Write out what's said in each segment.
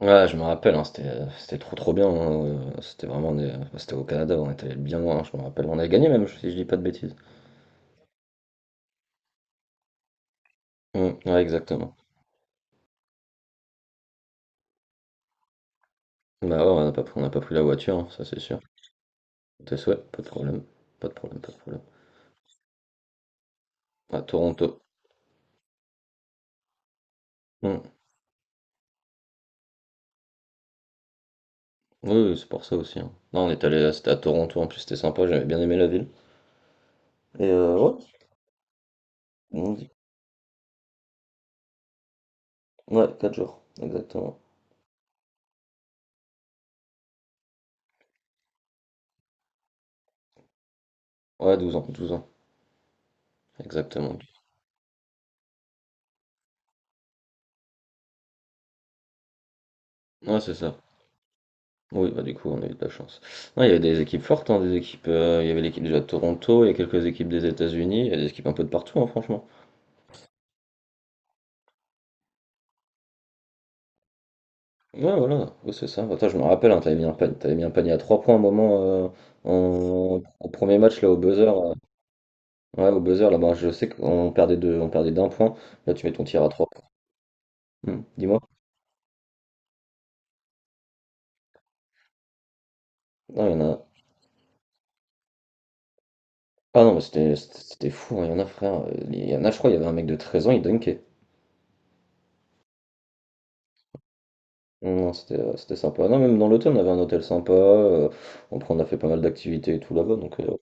Ouais, je me rappelle, hein, c'était c'était trop bien. Hein, c'était vraiment enfin, c'était au Canada, on était allé bien loin, hein, je me rappelle. On a gagné, même, si je dis pas de bêtises. Mm, ouais, exactement. Bah ouais, on n'a pas, pris- on n'a pas pris la voiture, hein, ça c'est sûr. Tes souhaits, pas de problème. Pas de problème, pas de problème. À Toronto. Mm. Oui, oui, c'est pour ça aussi, hein. Non, on est allé, c'était à Toronto en plus, c'était sympa, j'avais bien aimé la ville. Et ouais, on dit- ouais, 4 jours, exactement. Ouais, 12 ans, 12 ans, exactement. Ouais, c'est ça. Oui, bah du coup, on a eu de la chance. Non, il y avait des équipes fortes, hein, des équipes, il y avait l'équipe déjà de Toronto, il y a quelques équipes des États-Unis, il y a des équipes un peu de partout, hein, franchement. Ouais, voilà, ouais, c'est ça. Attends, je me rappelle, hein, t'avais mis un panier, t'avais mis un panier à 3 points à un moment, au premier match, là, au buzzer. Ouais, au buzzer, là-bas, je sais qu'on on perdait d'un point. Là, tu mets ton tir à trois points. Hmm, dis-moi. Non, il y en a. Ah non, mais c'était fou, hein, il y en a, frère. Il y en a, je crois, il y avait un mec de 13 ans, il dunkait. Non, c'était, ouais, c'était sympa. Non, même dans l'hôtel, on avait un hôtel sympa. Après, on a fait pas mal d'activités et tout là-bas. Donc,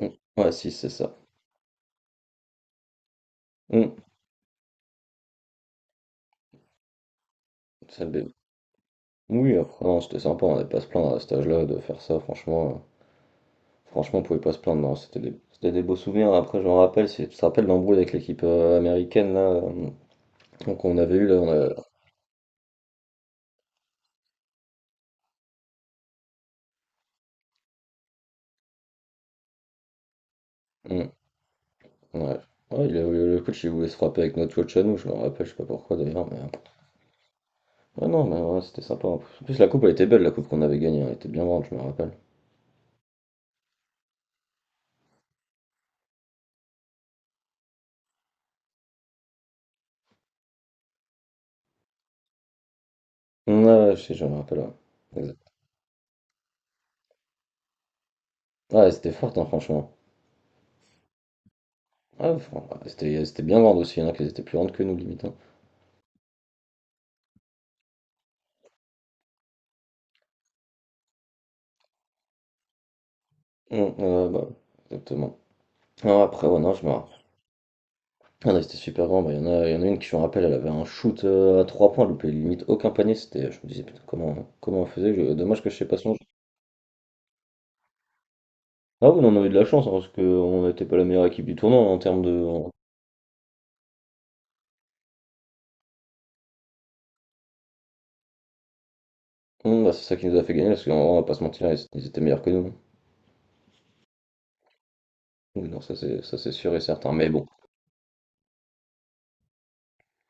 mm, ouais, si, c'est ça. Mm. Ça bé- Oui, après, non, c'était sympa. On n'avait pas à se plaindre à cet âge-là de faire ça. Franchement, franchement, on pouvait pas se plaindre. Non, c'était des, c'était des beaux souvenirs. Après, je me rappelle, tu te rappelles l'embrouille avec l'équipe américaine là. Donc, on avait eu là. On a mm, ouais. Le coach, il voulait se frapper avec notre coach à nous. Je me rappelle, je sais pas pourquoi d'ailleurs. Mais ouais, non, mais ouais, c'était sympa. En plus, en plus, la coupe, elle était belle, la coupe qu'on avait gagnée. Elle était bien grande, je me rappelle. Ouais, ouais, je sais, je me rappelle. Ouais, exact. Ouais, c'était forte, hein, franchement. Ouais, ouais, c'était bien grande aussi, il y en a qui étaient plus grandes que nous, limite, hein. Ouais, bah, exactement. Non, après, ouais, non, je me rappelle. Ah, non, c'était super grand. Bah, il y en a, il y en a une qui, je me rappelle, elle avait un shoot à 3 points, elle loupait limite aucun panier. C'était, je me disais, putain, comment, comment on faisait? Dommage que je sais pas son jeu. Ah oui, on a eu de la chance, hein, parce qu'on n'était pas la meilleure équipe du tournoi en termes de. Bah, c'est ça qui nous a fait gagner, parce qu'on on va pas se mentir, ils étaient meilleurs que nous, hein. Oui, non, ça, c'est sûr et certain. Mais bon,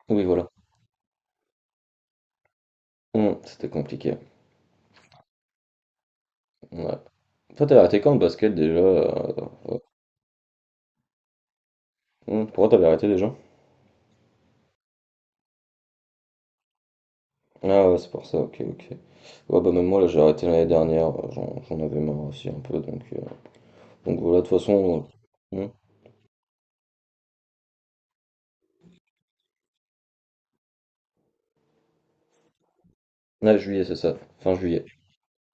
oui, voilà. C'était compliqué. Ouais. Toi, t'avais arrêté quand le basket déjà? Ouais. Pourquoi t'avais arrêté déjà? Ah ouais, c'est pour ça, ok, ok. Ouais, bah même moi, là, j'ai arrêté l'année dernière, j'en avais marre aussi un peu, donc voilà, de toute façon. Hum. Ah, juillet, c'est ça, fin juillet.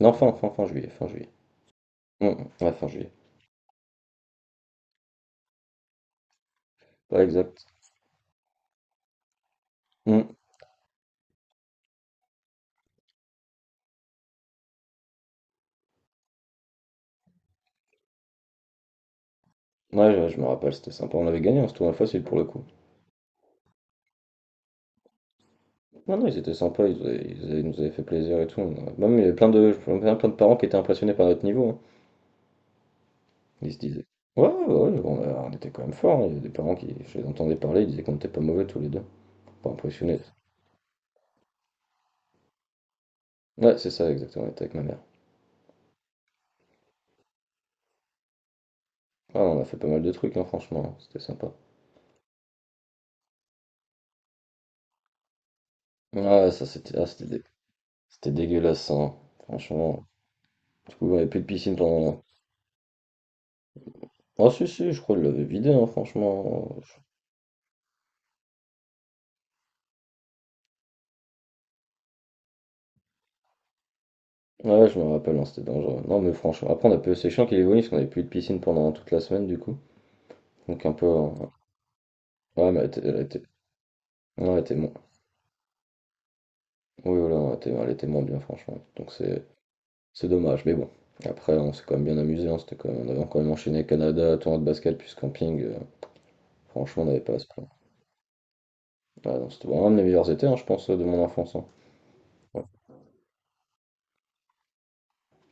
Non, fin juillet, fin juillet. Ouais, fin juillet. Ouais, exact. Hum. Ouais, je me rappelle, c'était sympa, on avait gagné, hein, ce tournoi facile pour le coup. Non, non, ils étaient sympas, ils nous avaient fait plaisir et tout. Même, il y avait plein de, plein de parents qui étaient impressionnés par notre niveau, hein. Ils se disaient. Ouais, on était quand même forts, hein. Il y avait des parents qui, je les entendais parler, ils disaient qu'on était pas mauvais tous les deux. Pas impressionnés. Ouais, c'est ça, exactement, on était avec ma mère. Ah, on a fait pas mal de trucs, hein, franchement, hein, c'était sympa. Ah, ça, c'était ah, c'était dé- c'était dégueulasse, hein. Franchement. Du coup, on avait plus de piscine pendant. Ah, si, si, je crois qu'il l'avait vidé, hein, franchement. Ouais, je me rappelle, hein, c'était dangereux. Non, mais franchement, après, on a peu, c'est chiant qu'il est venu, parce qu'on avait plus de piscine pendant toute la semaine, du coup. Donc, un peu, hein. Ouais, mais elle était. Elle était, non, oui, voilà, elle était moins bien, franchement. Donc, c'est. C'est dommage, mais bon. Après, on s'est quand même bien amusé, hein, on avait quand même enchaîné Canada, tournoi de basket, puis camping. Franchement, on n'avait pas à se plaindre. Ah non, c'était vraiment un de mes meilleurs étés, hein, je pense, de mon enfance, hein. Ouais.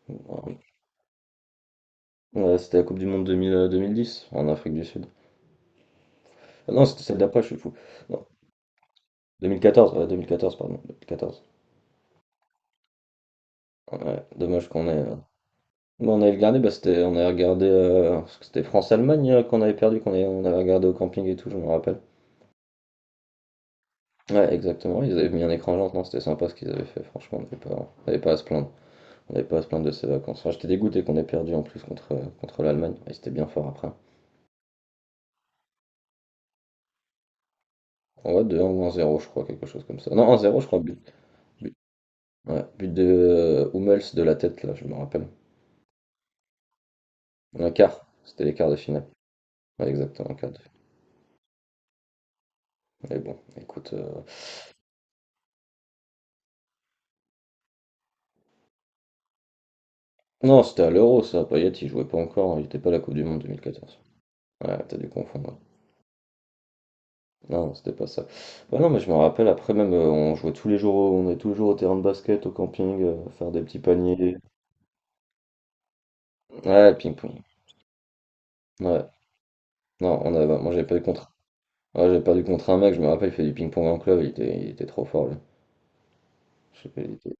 Ouais, ouais, c'était la Coupe du Monde 2010 en Afrique du Sud. Ah non, c'était celle d'après, je suis fou. Non, 2014, ouais, 2014, pardon, 2014. Ouais, dommage qu'on ait. Bon, on avait regardé, on avait regardé, parce que c'était France-Allemagne qu'on avait perdu, on avait regardé au camping et tout, je me rappelle. Ouais, exactement. Ils avaient mis un écran géant, non, c'était sympa ce qu'ils avaient fait. Franchement, on n'avait pas à se plaindre. On n'avait pas à se plaindre de ces vacances. Enfin, j'étais dégoûté qu'on ait perdu en plus contre, contre l'Allemagne. Et c'était bien fort après. Ouais, 2-1 ou 1-0 je crois, quelque chose comme ça. Non, 1-0 je crois, but. But, ouais, but de Hummels de la tête, là, je me rappelle. Un quart, c'était les quarts de finale. Ouais, exactement, un quart de finale. Mais bon, écoute. Non, c'était à l'Euro, ça. Payet, il jouait pas encore. Il était pas à la Coupe du Monde 2014. Ouais, t'as dû confondre. Non, non, c'était pas ça. Ouais, non, mais je me rappelle, après même, on jouait tous les jours, on est tous les jours au terrain de basket, au camping, faire des petits paniers. Ouais, le ping-pong. Ouais. Non, on avait, moi j'avais perdu contre. Ouais, j'avais perdu contre un mec, je me rappelle, il fait du ping-pong en club, il était trop fort, lui. Je sais pas,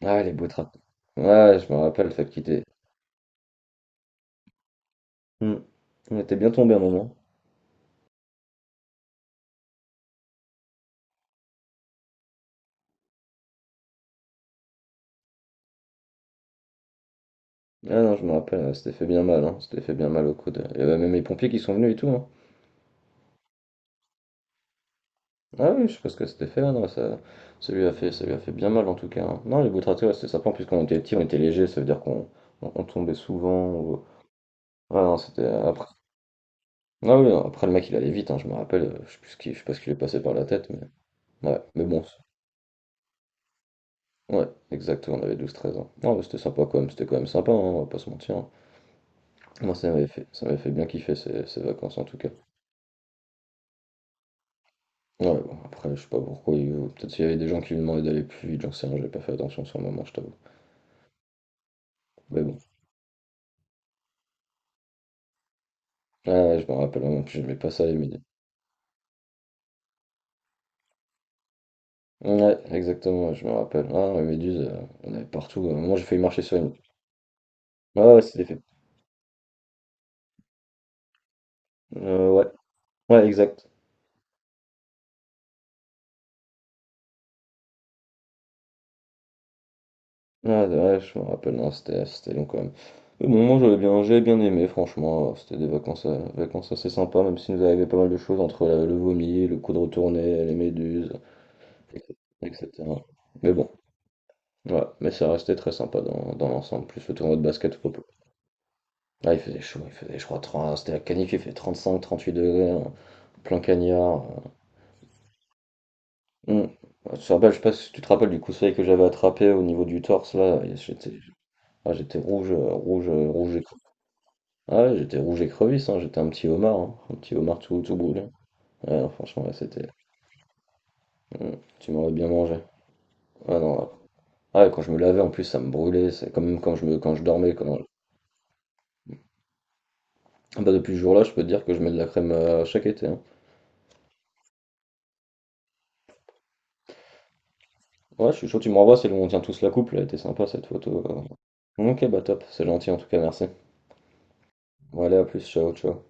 ah, les beaux trappes. Ouais, je me rappelle, ça quittait. Hmm. On était bien tombé à un moment. Ah non, je me rappelle, on s'était fait bien mal, hein. On fait bien mal au coude. Il y avait même les pompiers qui sont venus et tout, hein. Ah oui, je sais pas ce que c'était fait non, ça, ça lui a fait bien mal en tout cas, hein. Non, les boutratés, ouais, c'était sympa, en plus quand on était petit, on était léger, ça veut dire qu'on on tombait souvent. Ouais, non, c'était après. Ah oui, non, après le mec il allait vite, hein, je me rappelle, je sais pas ce qui lui est passé par la tête, mais ouais, mais bon, ouais, exactement, on avait 12 13 ans. Non, mais c'était sympa quand même, c'était quand même sympa, hein, on va pas se mentir, hein. Moi ça m'avait fait bien kiffer ces, ces vacances en tout cas. Ouais, bon, après, je sais pas pourquoi, peut-être s'il y avait des gens qui lui demandaient d'aller plus vite, j'en sais rien, j'avais pas fait attention sur le moment, je t'avoue. Mais bon. Ah ouais, je me rappelle, moi non plus, j'aimais pas ça les méduses. Ouais, exactement, je me rappelle. Ah, les méduses, on avait partout. À un moment, j'ai failli marcher sur une. Ah ouais, c'était fait. Ouais, ouais, exact. Ah, ouais, je me rappelle, non, c'était long quand même. Mais bon, moi, j'avais bien aimé, franchement. C'était des vacances, vacances assez sympas, même si nous arrivait pas mal de choses entre le vomi, le coup de retourner, les méduses, etc. Mais bon, ouais, mais ça restait très sympa dans, dans l'ensemble. Plus le tournoi de basket au propos. Ah, il faisait chaud, il faisait, je crois, trente, c'était la canif, il fait 38 degrés, hein. Plein cagnard. Hum. Je te rappelle, je sais pas si tu te rappelles du coup de soleil que j'avais attrapé au niveau du torse là, et j'étais ah, j'étais rouge, rouge, ah, ouais, j'étais rouge écrevisse, hein, j'étais un petit homard, hein, un petit homard tout, tout brûlé. Ouais, non, franchement, là c'était. Hum, tu m'aurais bien mangé. Ah non, là. Ah, et quand je me lavais en plus, ça me brûlait, c'est quand même quand je me quand je dormais. Quand... Ah, bah, depuis ce jour-là, je peux te dire que je mets de la crème chaque été, hein. Ouais, je suis chaud, tu me renvoies, c'est où on tient tous la coupe, elle était sympa cette photo. Ok, bah top, c'est gentil en tout cas, merci. Bon, allez, à plus, ciao, ciao.